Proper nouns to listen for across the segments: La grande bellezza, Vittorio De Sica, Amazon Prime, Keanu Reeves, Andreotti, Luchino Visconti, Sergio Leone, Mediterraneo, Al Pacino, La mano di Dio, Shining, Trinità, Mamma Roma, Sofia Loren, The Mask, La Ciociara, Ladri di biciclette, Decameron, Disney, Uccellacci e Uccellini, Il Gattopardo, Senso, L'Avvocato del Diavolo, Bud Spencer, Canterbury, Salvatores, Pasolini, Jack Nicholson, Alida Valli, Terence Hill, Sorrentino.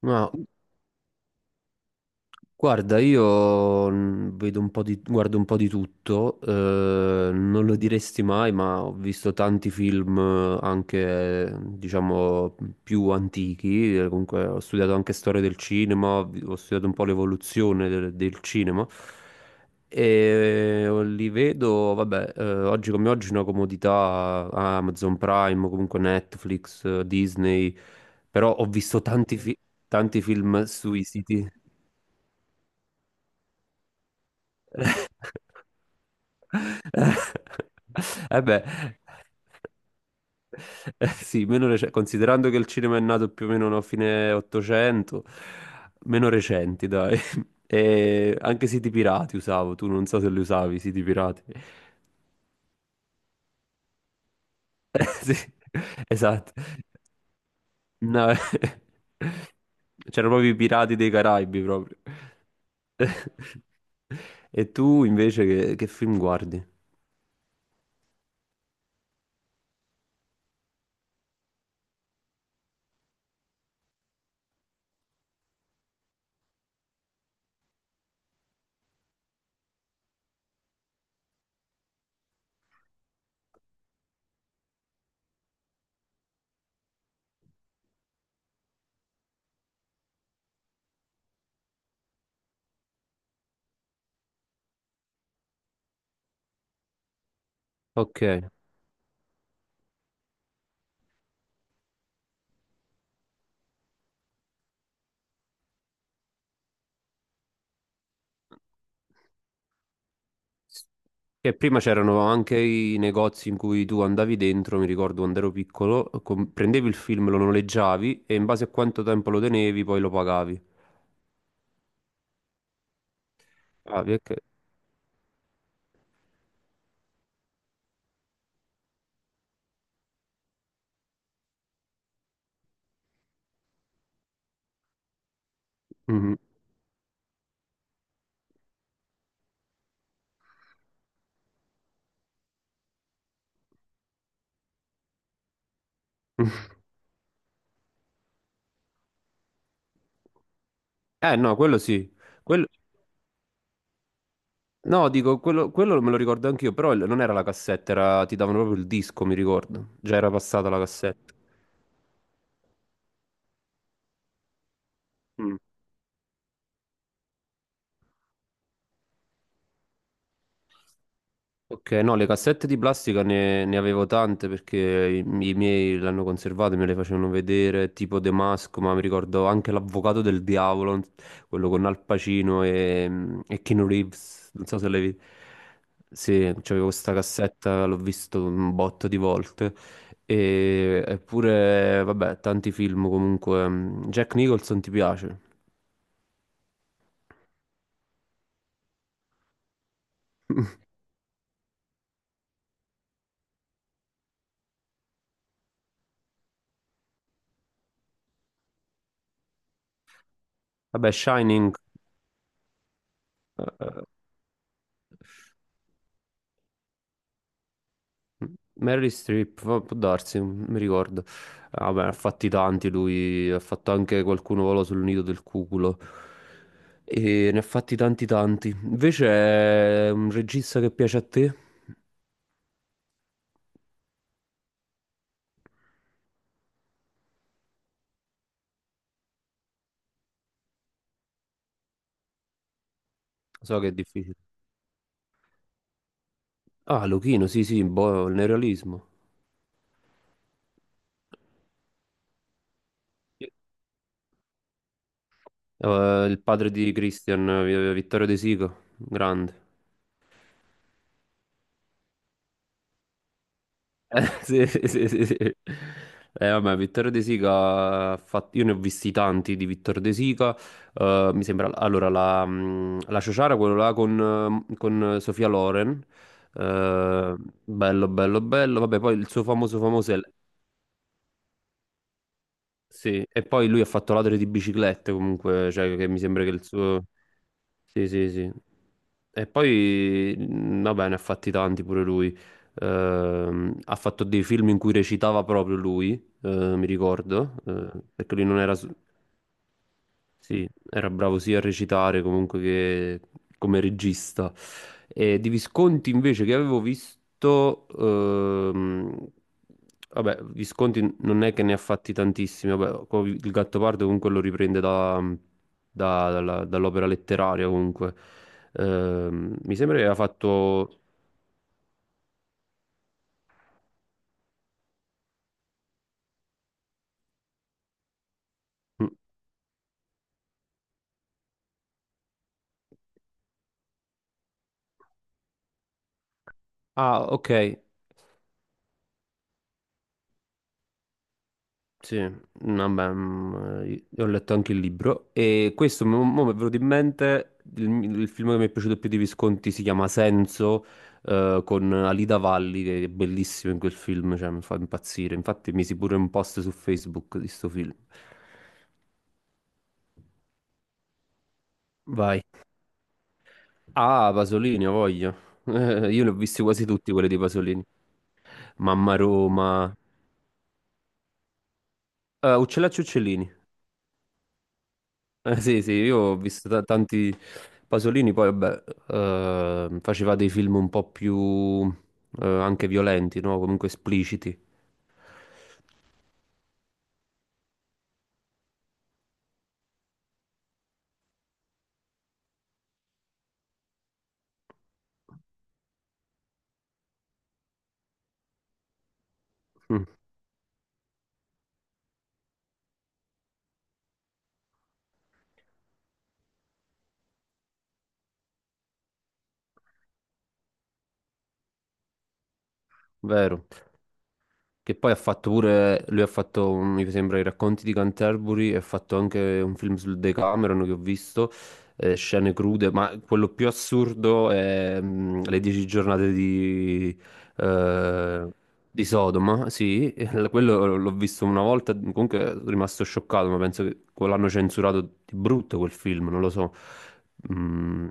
Ma guarda, io mm, vedo un po' di, guardo un po' di tutto, non lo diresti mai, ma ho visto tanti film anche, diciamo, più antichi, comunque ho studiato anche storia del cinema, ho studiato un po' l'evoluzione del cinema e li vedo, vabbè, oggi come oggi una comodità Amazon Prime, comunque Netflix, Disney, però ho visto tanti, tanti film sui siti. Eh beh, eh sì, considerando che il cinema è nato più o meno a fine 800, meno recenti, dai. E anche siti pirati usavo, tu non so se li usavi, i siti pirati. Sì, esatto. No, c'erano proprio i pirati dei Caraibi, proprio. E tu invece che film guardi? Ok. Che prima c'erano anche i negozi in cui tu andavi dentro, mi ricordo quando ero piccolo, prendevi il film, lo noleggiavi e in base a quanto tempo lo tenevi poi lo pagavi. Ah, perché? Mhm. Eh no, quello sì. Quello- No, dico, quello me lo ricordo anch'io, però non era la cassetta, ti davano proprio il disco, mi ricordo. Già era passata la cassetta. Mm. Ok, no, le cassette di plastica ne avevo tante perché i miei l'hanno conservate, me le facevano vedere, tipo The Mask, ma mi ricordo anche L'Avvocato del Diavolo, quello con Al Pacino e Keanu Reeves, non so se l'hai visto. Sì, c'avevo questa cassetta, l'ho visto un botto di volte. Eppure, vabbè, tanti film comunque. Jack Nicholson ti piace? Vabbè, Shining, eh, Meryl Streep, può darsi, non mi ricordo. Ah, vabbè, ha fatti tanti lui, ha fatto anche qualcuno vola sul nido del cuculo. E ne ha fatti tanti tanti. Invece è un regista che piace a te? So che è difficile. Ah, Luchino, sì, sì, boh, il neorealismo. Il padre di Christian, Vittorio De Sica, grande. Sì, sì, sì, sì. Vabbè, Vittorio De Sica ha fatto. Io ne ho visti tanti di Vittorio De Sica. Mi sembra. Allora, la Ciociara, quello là con Sofia Loren. eh, Bello, bello, bello. Vabbè, poi il suo famoso famoso è. Sì, e poi lui ha fatto Ladri di biciclette comunque, cioè che mi sembra che il suo. Sì, sì, sì. E poi, vabbè, ne ha fatti tanti pure lui. Ha fatto dei film in cui recitava proprio lui, mi ricordo, perché lui non era. Sì, era bravo sia a recitare comunque che come regista. E di Visconti invece che avevo visto, vabbè, Visconti non è che ne ha fatti tantissimi, vabbè, il Gattopardo comunque lo riprende dall'opera letteraria comunque. Mi sembra che aveva fatto. Mm. Ah, ok. Sì. Vabbè, io ho letto anche il libro e questo mo- mo mi è venuto in mente il film che mi è piaciuto più di Visconti si chiama Senso, con Alida Valli che è bellissimo in quel film, cioè mi fa impazzire. Infatti misi pure un post su Facebook di sto film. Vai. Ah, Pasolini, ho voglia. Io li ho visti quasi tutti quelli di Pasolini. Mamma Roma. Uccellacci e Uccellini. Sì, sì, io ho visto tanti Pasolini, poi vabbè, faceva dei film un po' più anche violenti, no? Comunque espliciti. Mm, vero. Che poi ha fatto pure, lui ha fatto, mi sembra, i racconti di Canterbury e ha fatto anche un film sul Decameron che ho visto, scene crude, ma quello più assurdo è le dieci giornate eh, di Sodoma, sì, quello l'ho visto una volta, comunque sono rimasto scioccato, ma penso che quello l'hanno censurato di brutto quel film, non lo so. Mm,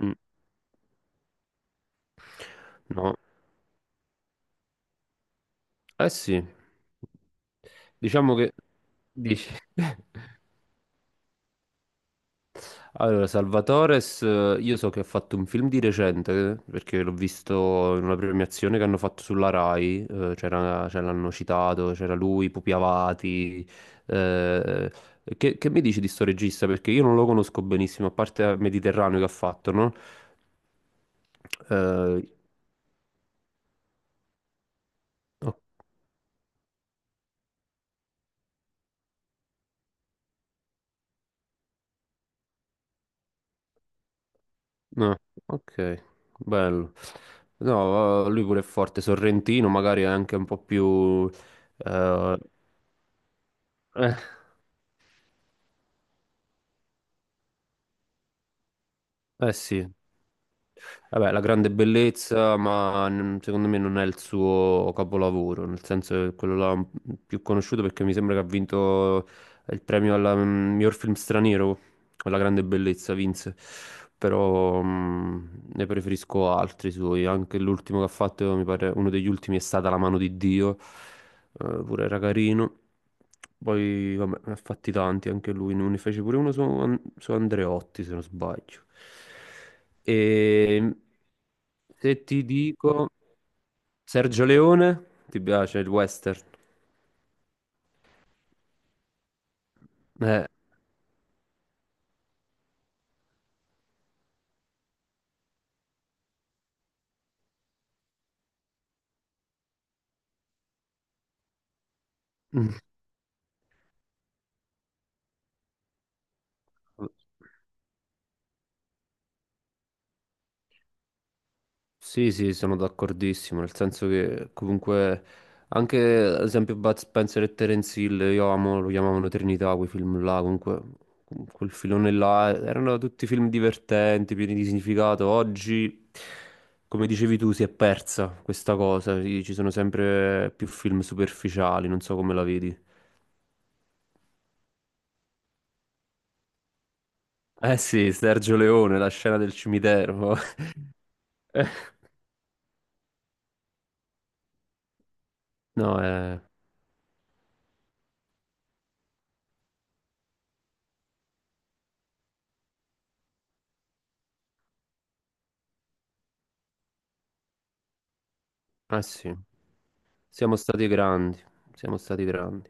mm, no, eh sì, diciamo che. Dici. Allora, Salvatores, io so che ha fatto un film di recente, perché l'ho visto in una premiazione che hanno fatto sulla Rai, c'era, ce l'hanno citato, c'era lui, Pupi Avati. eh, che mi dici di sto regista? Perché io non lo conosco benissimo, a parte Mediterraneo che ha fatto, no? Eh, oh, no, ok, bello. No, lui pure è forte, Sorrentino magari è anche un po' più. eh, eh, eh sì, vabbè, La grande bellezza, ma secondo me non è il suo capolavoro, nel senso che quello là più conosciuto perché mi sembra che ha vinto il premio al miglior film straniero, con La grande bellezza vinse, però ne preferisco altri suoi, anche l'ultimo che ha fatto, mi pare uno degli ultimi è stata La mano di Dio, pure era carino. Poi, vabbè, ne ha fatti tanti anche lui, ne fece pure uno su Andreotti, se non sbaglio. E se ti dico Sergio Leone, ti piace il western? Eh. Sì, sì, sono d'accordissimo, nel senso che comunque anche ad esempio Bud Spencer e Terence Hill, io amo, lo chiamavano Trinità, quei film là, comunque quel filone là, erano tutti film divertenti, pieni di significato. Oggi, come dicevi tu, si è persa questa cosa, sì, ci sono sempre più film superficiali, non so come la vedi. Eh sì, Sergio Leone, la scena del cimitero. No, eh sì, siamo stati grandi, siamo stati grandi.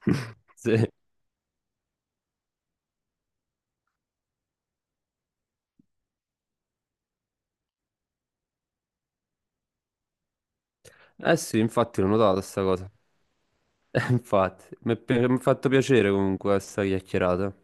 Sì. Eh sì, infatti l'ho notata sta cosa. Infatti, mi ha fatto piacere comunque questa chiacchierata.